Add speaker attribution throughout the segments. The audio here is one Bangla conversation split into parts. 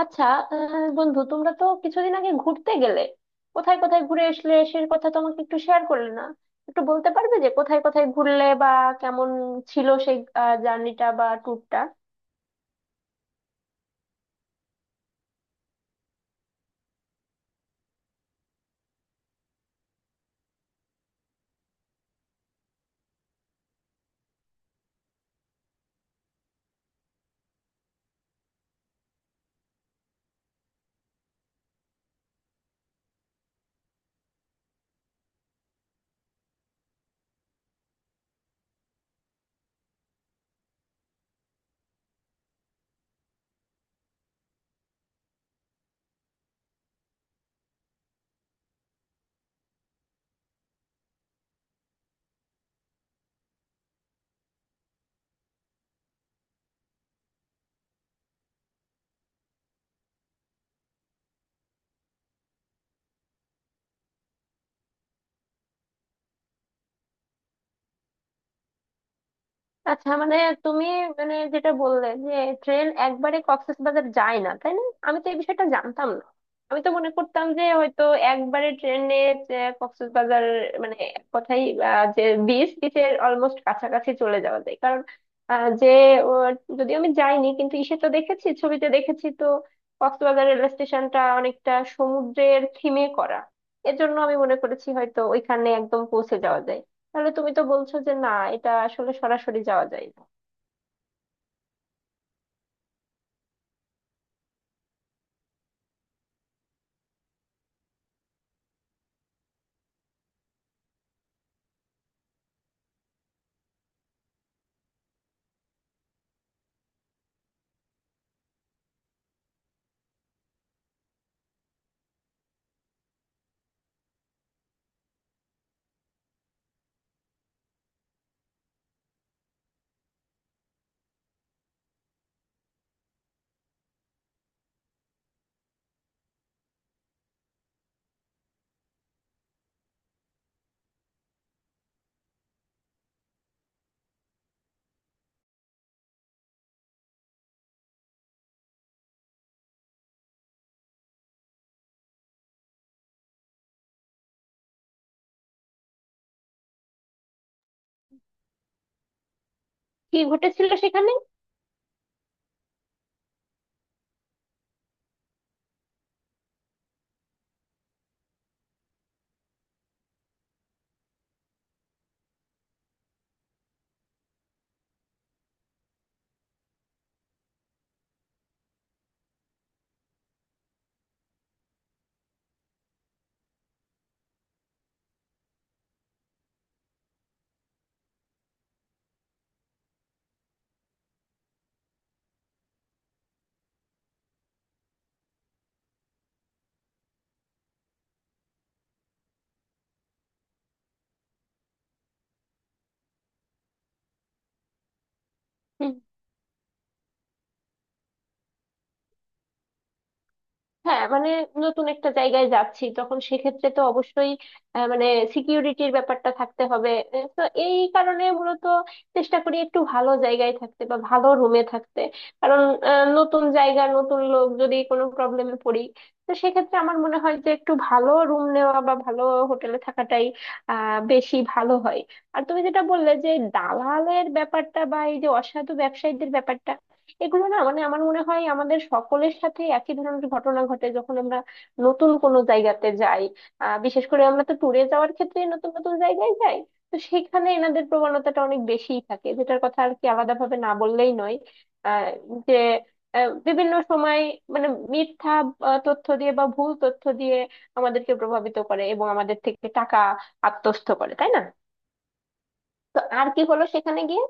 Speaker 1: আচ্ছা। বন্ধু, তোমরা তো কিছুদিন আগে ঘুরতে গেলে, কোথায় কোথায় ঘুরে আসলে সে কথা তো আমাকে একটু শেয়ার করলে না। একটু বলতে পারবে যে কোথায় কোথায় ঘুরলে বা কেমন ছিল সেই জার্নিটা বা ট্যুরটা? আচ্ছা, মানে তুমি মানে যেটা বললে যে ট্রেন একবারে কক্সবাজার যায় না, তাই না? আমি তো এই বিষয়টা জানতাম না, আমি তো মনে করতাম যে হয়তো একবারে ট্রেনে কক্সবাজার, মানে এক কথাই যে বিচ, বিচের অলমোস্ট কাছাকাছি চলে যাওয়া যায়। কারণ আহ, যে আহ, যদিও আমি যাইনি, কিন্তু ইসে তো দেখেছি, ছবিতে দেখেছি তো। কক্সবাজার রেল স্টেশনটা অনেকটা সমুদ্রের থিমে করা, এজন্য আমি মনে করেছি হয়তো ওইখানে একদম পৌঁছে যাওয়া যায়। তাহলে তুমি তো বলছো যে না, এটা আসলে সরাসরি যাওয়া যায় না। কি ঘটেছিল সেখানে? হ্যাঁ মানে, নতুন একটা জায়গায় যাচ্ছি, তখন সেক্ষেত্রে তো অবশ্যই মানে সিকিউরিটির ব্যাপারটা থাকতে হবে। তো এই কারণে মূলত চেষ্টা করি একটু ভালো জায়গায় থাকতে বা ভালো রুমে থাকতে। কারণ নতুন জায়গা, নতুন লোক, যদি কোনো প্রবলেমে পড়ি, তো সেক্ষেত্রে আমার মনে হয় যে একটু ভালো রুম নেওয়া বা ভালো হোটেলে থাকাটাই বেশি ভালো হয়। আর তুমি যেটা বললে যে দালালের ব্যাপারটা বা এই যে অসাধু ব্যবসায়ীদের ব্যাপারটা, এগুলো না মানে আমার মনে হয় আমাদের সকলের সাথে একই ধরনের ঘটনা ঘটে যখন আমরা নতুন কোনো জায়গাতে যাই। বিশেষ করে আমরা তো ট্যুরে যাওয়ার ক্ষেত্রে নতুন নতুন জায়গায় যাই, তো সেখানে এনাদের প্রবণতাটা অনেক বেশিই থাকে, যেটার কথা আর কি আলাদা ভাবে না বললেই নয়। আহ যে বিভিন্ন সময় মানে মিথ্যা তথ্য দিয়ে বা ভুল তথ্য দিয়ে আমাদেরকে প্রভাবিত করে এবং আমাদের থেকে টাকা আত্মস্থ করে, তাই না? তো আর কি হলো সেখানে গিয়ে?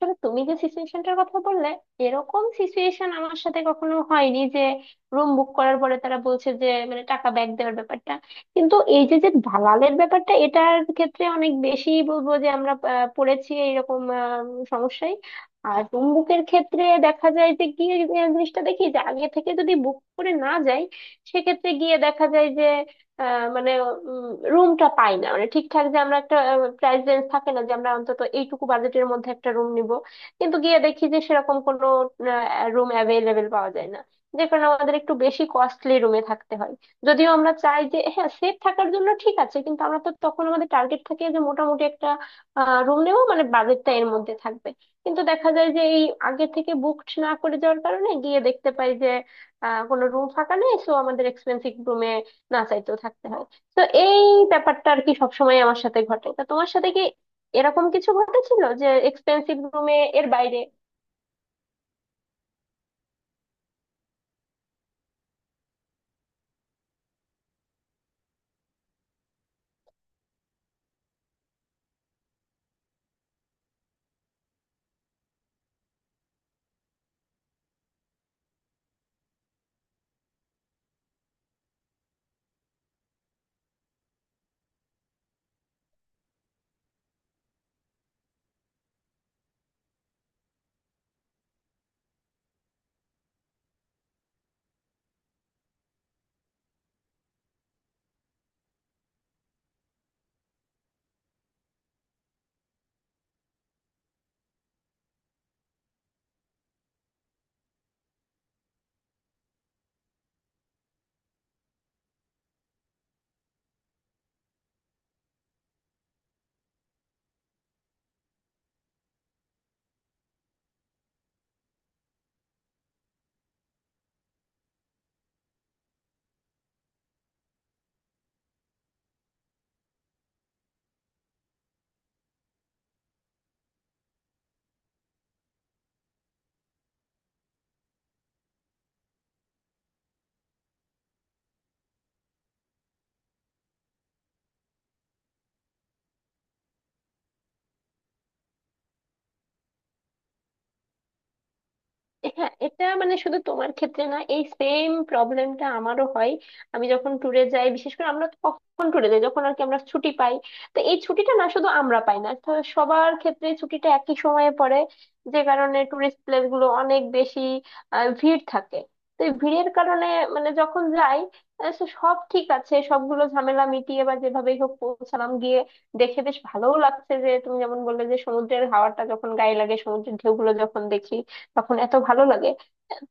Speaker 1: আসলে তুমি যে সিচুয়েশনটার কথা বললে, এরকম সিচুয়েশন আমার সাথে কখনো হয়নি যে রুম বুক করার পরে তারা বলছে যে মানে টাকা ব্যাক দেওয়ার ব্যাপারটা। কিন্তু এই যে যে দালালের ব্যাপারটা, এটার ক্ষেত্রে অনেক বেশি বলবো যে আমরা পড়েছি এইরকম সমস্যায়। আর রুম বুকের ক্ষেত্রে দেখা যায় যে গিয়ে যে জিনিসটা দেখি, যে আগে থেকে যদি বুক করে না যাই, সেক্ষেত্রে গিয়ে দেখা যায় যে মানে রুমটা পাই না, মানে ঠিকঠাক যে আমরা একটা প্রাইস রেঞ্জ থাকে না যে আমরা অন্তত এইটুকু বাজেটের মধ্যে একটা রুম নিব। কিন্তু গিয়ে দেখি যে সেরকম কোনো রুম অ্যাভেলেবেল পাওয়া যায় না, যে কারণে আমাদের একটু বেশি কস্টলি রুমে থাকতে হয়। যদিও আমরা চাই যে হ্যাঁ সেফ থাকার জন্য ঠিক আছে, কিন্তু আমরা তো তখন আমাদের টার্গেট থাকে যে মোটামুটি একটা রুম নেবো, মানে বাজেটটা এর মধ্যে থাকবে। কিন্তু দেখা যায় যে এই আগে থেকে বুকড না করে যাওয়ার কারণে গিয়ে দেখতে পাই যে কোনো রুম ফাঁকা নেই, সো আমাদের এক্সপেন্সিভ রুমে না চাইতেও থাকতে হয়। তো এই ব্যাপারটা আর কি সবসময় আমার সাথে ঘটে। তা তোমার সাথে কি এরকম কিছু ঘটেছিল যে এক্সপেন্সিভ রুমে এর বাইরে? হ্যাঁ, এটা মানে শুধু তোমার ক্ষেত্রে না, এই সেম প্রবলেমটা আমারও হয়। আমি যখন ট্যুরে যাই, বিশেষ করে আমরা কখন ট্যুরে যাই যখন আর কি আমরা ছুটি পাই, তো এই ছুটিটা না শুধু আমরা পাই না, তো সবার ক্ষেত্রে ছুটিটা একই সময়ে পড়ে, যে কারণে টুরিস্ট প্লেস গুলো অনেক বেশি ভিড় থাকে। তো এই ভিড়ের কারণে মানে যখন যাই, তো সব ঠিক আছে, সবগুলো ঝামেলা মিটিয়ে বা যেভাবেই হোক পৌঁছালাম, গিয়ে দেখে বেশ ভালোও লাগছে, যে তুমি যেমন বললে যে সমুদ্রের হাওয়াটা যখন গায়ে লাগে, সমুদ্রের ঢেউগুলো যখন দেখি তখন এত ভালো লাগে।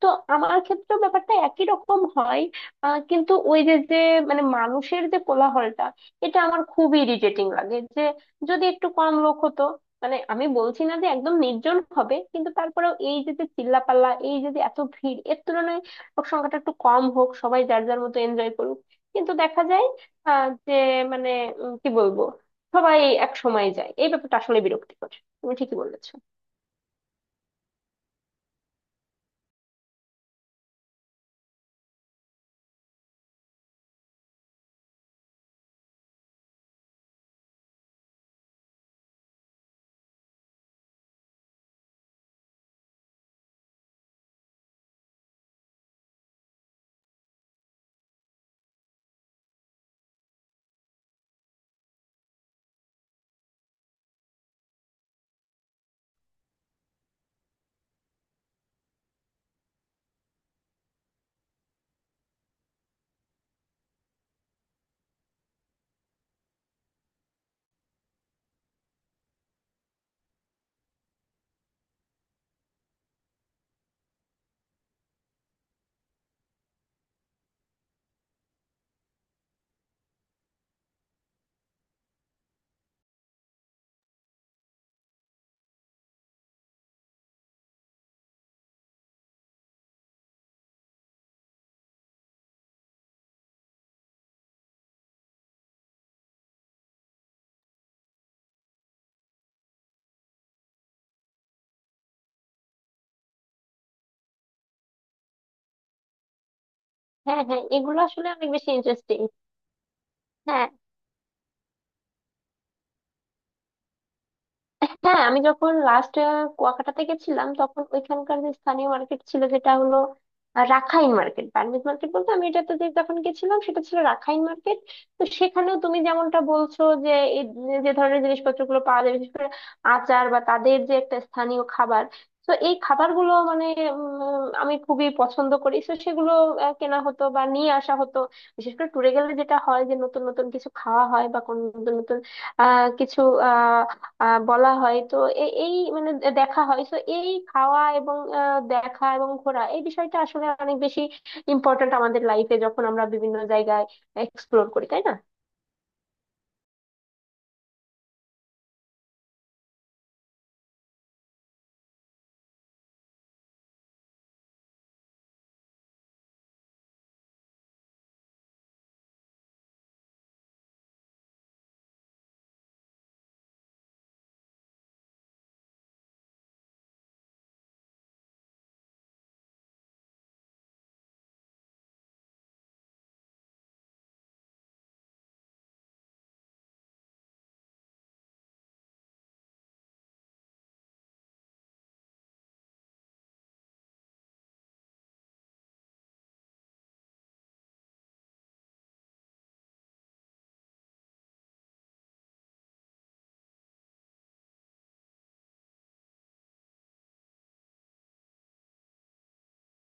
Speaker 1: তো আমার ক্ষেত্রেও ব্যাপারটা একই রকম হয়। কিন্তু ওই যে যে মানে মানুষের যে কোলাহলটা, এটা আমার খুবই ইরিটেটিং লাগে। যে যদি একটু কম লোক হতো, মানে আমি বলছি না যে একদম নির্জন হবে, কিন্তু তারপরেও এই যে যে চিল্লাপাল্লা, এই যে যে এত ভিড় এর তুলনায় লোক সংখ্যাটা একটু কম হোক, সবাই যার যার মতো এনজয় করুক। কিন্তু দেখা যায় আহ, যে মানে কি বলবো, সবাই এক সময় যায়, এই ব্যাপারটা আসলে বিরক্তিকর। তুমি ঠিকই বলেছো। হ্যাঁ, হ্যাঁ, এগুলো আসলে অনেক বেশি ইন্টারেস্টিং। হ্যাঁ, হ্যাঁ, আমি যখন লাস্ট কুয়াকাটাতে গেছিলাম, তখন ওইখানকার যে স্থানীয় মার্কেট ছিল যেটা হলো রাখাইন মার্কেট, বার্মিজ মার্কেট বলতে আমি এটাতে যে যখন গেছিলাম সেটা ছিল রাখাইন মার্কেট। তো সেখানেও তুমি যেমনটা বলছো যে এই যে যে ধরনের জিনিসপত্রগুলো পাওয়া যায়, বিশেষ করে আচার বা তাদের যে একটা স্থানীয় খাবার, তো এই খাবারগুলো মানে আমি খুবই পছন্দ করি, তো সেগুলো কেনা হতো বা নিয়ে আসা হতো। বিশেষ করে ট্যুরে গেলে যেটা হয় যে নতুন নতুন কিছু খাওয়া হয় বা কোন নতুন নতুন আহ কিছু আহ বলা হয়, এই মানে দেখা হয়, তো এই খাওয়া এবং দেখা এবং ঘোরা, এই বিষয়টা আসলে অনেক বেশি ইম্পর্ট্যান্ট আমাদের লাইফে, যখন আমরা বিভিন্ন জায়গায় এক্সপ্লোর করি, তাই না?